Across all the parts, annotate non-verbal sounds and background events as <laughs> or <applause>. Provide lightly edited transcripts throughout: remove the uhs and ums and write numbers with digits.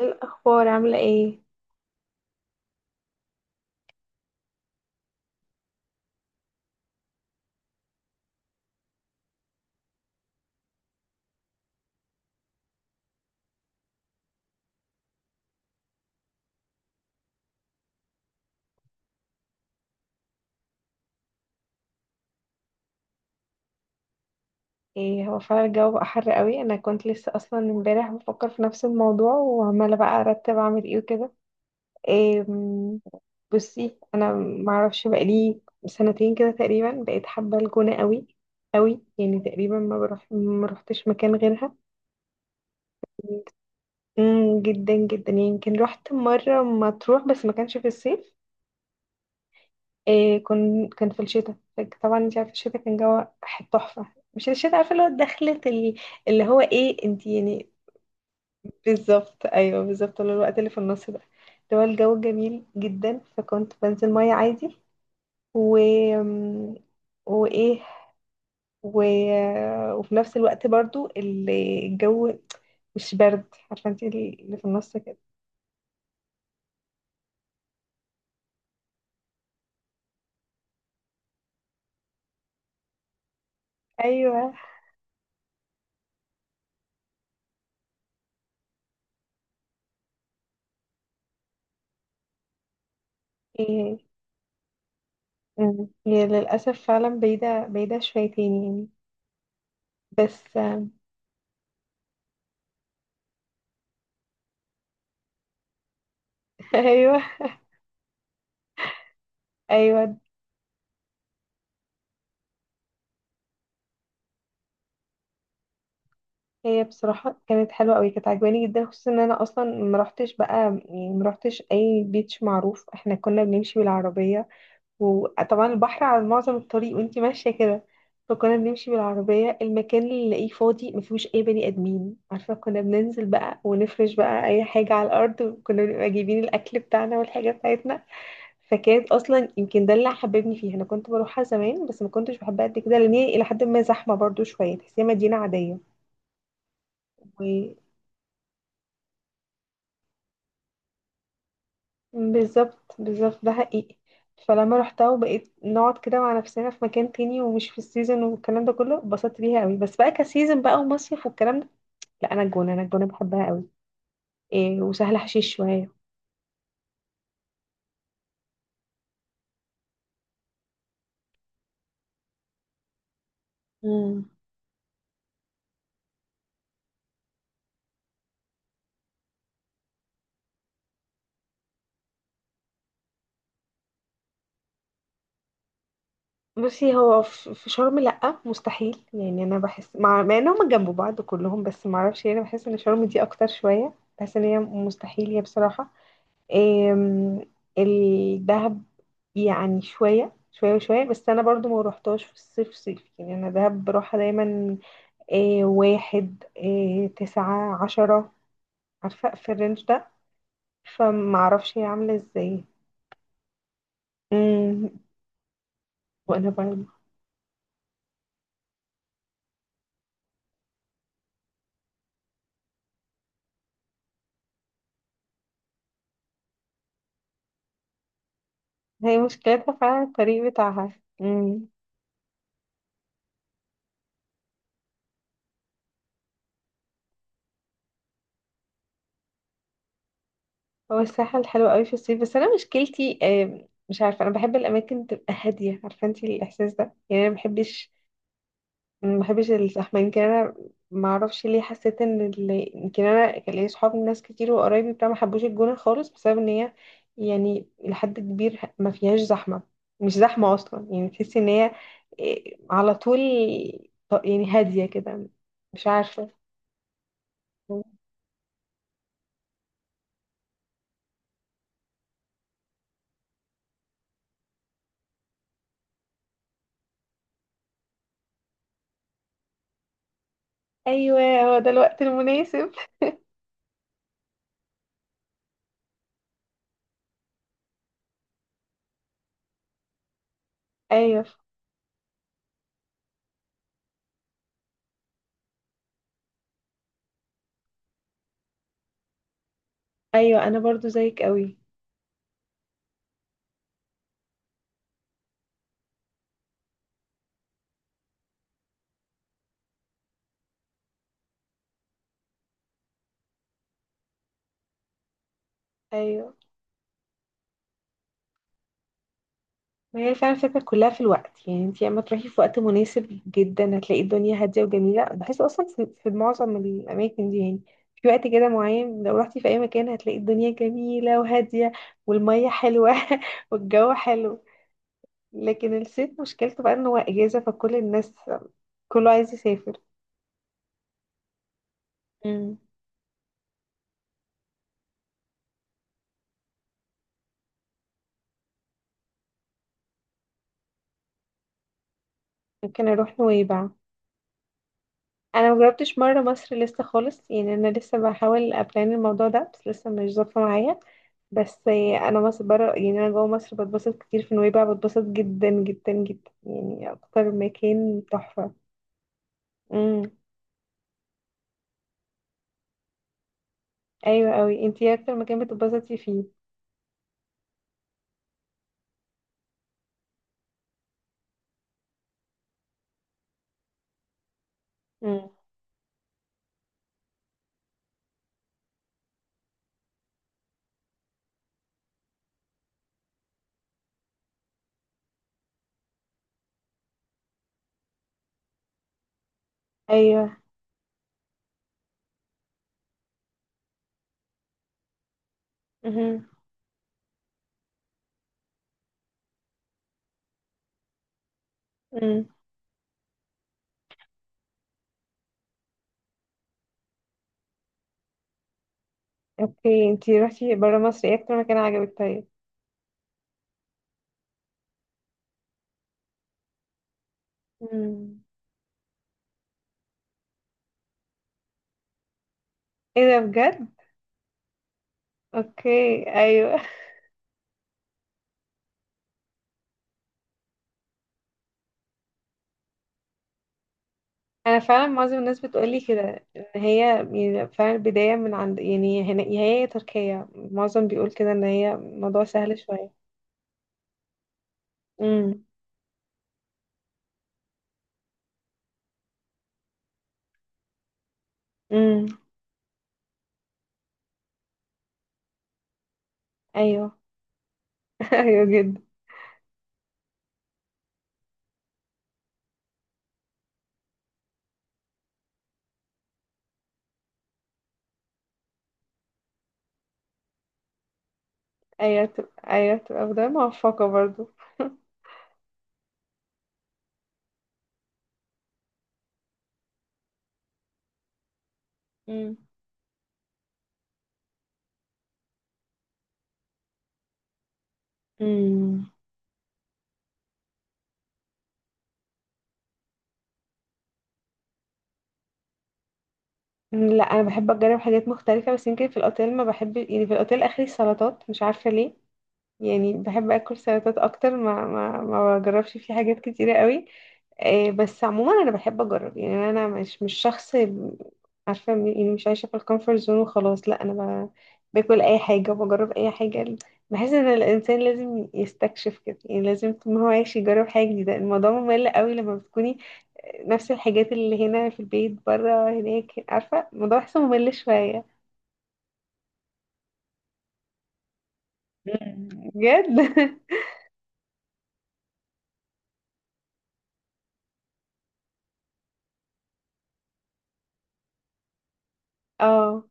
إيه الأخبار عاملة ايه؟ ايه، هو فعلا الجو بقى حر قوي. انا كنت لسه اصلا امبارح بفكر في نفس الموضوع، وعمالة بقى ارتب اعمل ايه وكده. إيه، بصي انا معرفش، بقالي 2 سنتين كده تقريبا بقيت حابة الجونة قوي قوي. يعني تقريبا ما روحتش مكان غيرها. جدا جدا. يعني يمكن رحت مرة مطروح بس ما كانش في الصيف. إيه، كان في الشتاء. طبعا انت عارفه الشتاء كان جو تحفه. مش الشتاء عارفه اللي هو، دخلت اللي هو ايه، انت يعني. بالظبط، ايوه بالظبط، اللي هو الوقت اللي في النص ده، اللي هو الجو جميل جدا، فكنت بنزل ميه عادي. و وايه و... وفي نفس الوقت برضو الجو مش برد، عارفه انت اللي في النص كده. ايوه. إيه. هي للاسف فعلا بعيده، بعيده شويتين يعني. بس <laughs> ايوه ايوه. هي بصراحه كانت حلوه قوي، كانت عجباني جدا، خصوصا ان انا اصلا ما رحتش بقى، يعني ما رحتش اي بيتش معروف. احنا كنا بنمشي بالعربيه، وطبعا البحر على معظم الطريق وانتي ماشيه كده. فكنا بنمشي بالعربيه، المكان اللي نلاقيه فاضي ما فيهوش اي بني ادمين، عارفه، كنا بننزل بقى ونفرش بقى اي حاجه على الارض، وكنا بنبقى جايبين الاكل بتاعنا والحاجه بتاعتنا. فكانت اصلا يمكن ده اللي حببني فيها. انا كنت بروحها زمان بس ما كنتش بحبها قد كده، لان هي الى حد ما زحمه برضو شويه، تحسيها مدينه عاديه. بالظبط بالظبط، ده حقيقي. فلما روحتها وبقيت نقعد كده مع نفسنا في مكان تاني ومش في السيزون والكلام ده كله، اتبسطت بيها قوي، بس بقى كسيزون بقى ومصيف والكلام ده، لا. انا الجونه بحبها قوي. إيه، وسهل حشيش شويه. امم بصي هو في شرم لأ، مستحيل. يعني انا بحس مع انهم جنب بعض كلهم، بس ما اعرفش، يعني انا بحس ان شرم دي اكتر شويه. بحس ان هي مستحيل، هي بصراحه. آم، الدهب يعني شوية شوية وشوية، بس أنا برضو ما روحتهاش في الصيف صيف، يعني أنا دهب بروحها دايما. واحد، 9 10، عارفة في الرينج ده، فمعرفش هي عاملة ازاي. مم، وأنا برضو. هي مشكلتها فعلا الطريق بتاعها. مم. هو الساحل حلو قوي في الصيف، بس أنا مشكلتي مش عارفة، أنا بحب الأماكن تبقى هادية، عارفة انتي الإحساس ده؟ يعني أنا مبحبش، ما بحبش الزحمه. يمكن انا ما اعرفش ليه، حسيت ان اللي، يمكن انا كان ليا صحاب ناس كتير وقرايبي بتاع ما حبوش الجونه خالص، بسبب ان هي يعني لحد كبير ما فيهاش زحمه، مش زحمه اصلا، يعني تحسي ان هي إيه، على طول، يعني هاديه كده. مش عارفه. ايوه، هو ده الوقت المناسب. <laughs> ايوه. ايوه انا برضو زيك قوي. ايوه، ما هي فعلا الفكرة كلها في الوقت. يعني انتي اما تروحي في وقت مناسب جدا، هتلاقي الدنيا هادية وجميلة. بحس اصلا في معظم الاماكن دي يعني، في وقت كده معين، لو رحتي في اي مكان هتلاقي الدنيا جميلة وهادية، والمية حلوة <laughs> والجو حلو. لكن الصيف مشكلته بقى ان هو اجازة، فكل الناس كله عايز يسافر. مم. ممكن اروح نويبع. انا مجربتش مره مصر لسه خالص يعني، انا لسه بحاول ابلان الموضوع ده بس لسه مش ظابطه معايا. بس انا مصر، بره يعني، انا جوه مصر بتبسط كتير. في نويبع بتبسط جدا جدا جدا، يعني اكتر مكان تحفه. امم. ايوه قوي. انتي إيه اكتر مكان بتتبسطي فيه؟ امم. ايوه. امم. امم. اوكي، انتي رحتي بره مصر، ايه اكتر مكان عجبك طيب؟ امم. ايه ده، بجد؟ اوكي. ايوه. انا فعلا معظم الناس بتقولي كده ان هي، يعني فعلا البدايه من عند، يعني هنا يا هي يا تركيا، معظم بيقول كده ان هي الموضوع سهل شويه. امم. امم. ايوه <laughs> ايوه جدا. ايوه تبقى، ايوه تبقى بدايه موفقه برضو. امم. امم. لا، انا بحب اجرب حاجات مختلفه، بس يمكن في الاوتيل ما بحب، يعني في الاوتيل اخري السلطات، مش عارفه ليه. يعني بحب اكل سلطات اكتر، ما بجربش فيه حاجات كتيره قوي. بس عموما انا بحب اجرب. يعني انا مش شخص، عارفه، يعني مش عايشه في الكومفورت زون وخلاص، لا. انا باكل اي حاجه وبجرب اي حاجه. بحس ان الانسان لازم يستكشف كده، يعني لازم طول ما هو عايش يجرب حاجه جديده. الموضوع ممل قوي لما بتكوني نفس الحاجات اللي هنا في البيت، بره هناك، عارفه، الموضوع بحسه ممل شويه. مم. بجد <laughs> اه.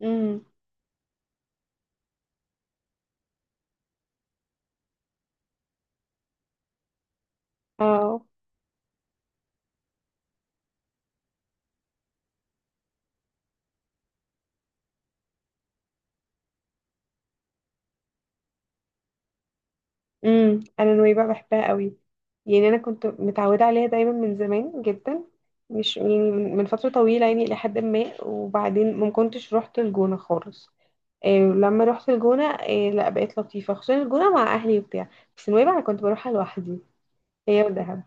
امم. اه. امم. انا نويبع بحبها قوي، يعني انا كنت متعوده عليها دايما من زمان جدا، مش يعني من فتره طويله، يعني الى حد ما. وبعدين ما كنتش رحت الجونه خالص. إيه، لما رحت الجونه، إيه، لا بقيت لطيفه، خصوصا الجونه مع اهلي وبتاع. بس نويبع انا كنت بروحها لوحدي، هي ودهب.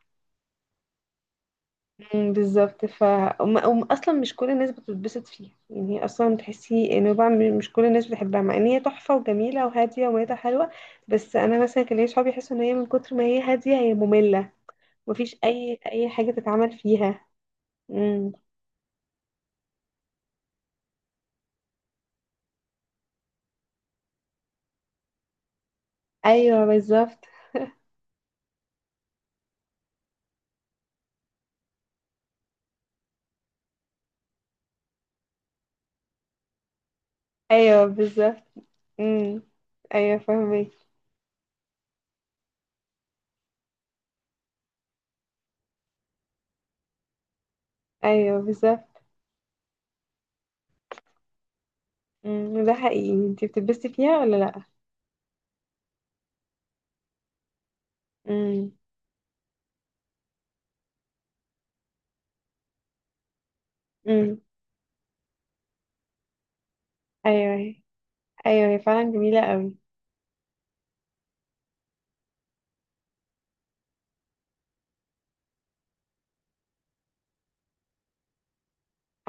امم. بالظبط. اصلا مش كل الناس بتتبسط فيها يعني، هي اصلا تحسي نويبع، مش كل الناس بتحبها، مع ان هي تحفه وجميله وهاديه وميتها حلوه. بس انا مثلا كان ليا صحابي يحسوا ان هي من كتر ما هي هاديه هي ممله، مفيش اي حاجه تتعمل فيها. امم. ايوه بالظبط. ايوه بالظبط. امم. ايوه، فاهمك. ايوه بالظبط. امم، ده حقيقي. انت بتتبسطي فيها ولا لا؟ امم. امم. ايوه. ايوه، هي فعلا جميله قوي.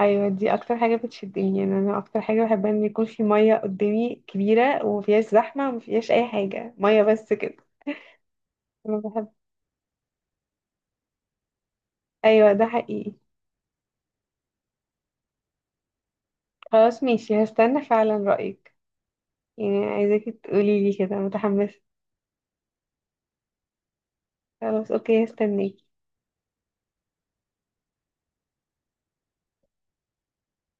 ايوه، دي اكتر حاجه بتشدني. يعني انا اكتر حاجه بحبها ان يكون في ميه قدامي كبيره، ومفيهاش زحمه، ومفيهاش اي حاجه، ميه بس كده. انا بحب. ايوه ده حقيقي. خلاص ماشي، هستنى فعلا رايك. يعني عايزاكي تقولي لي كده متحمسه. خلاص اوكي، هستناك.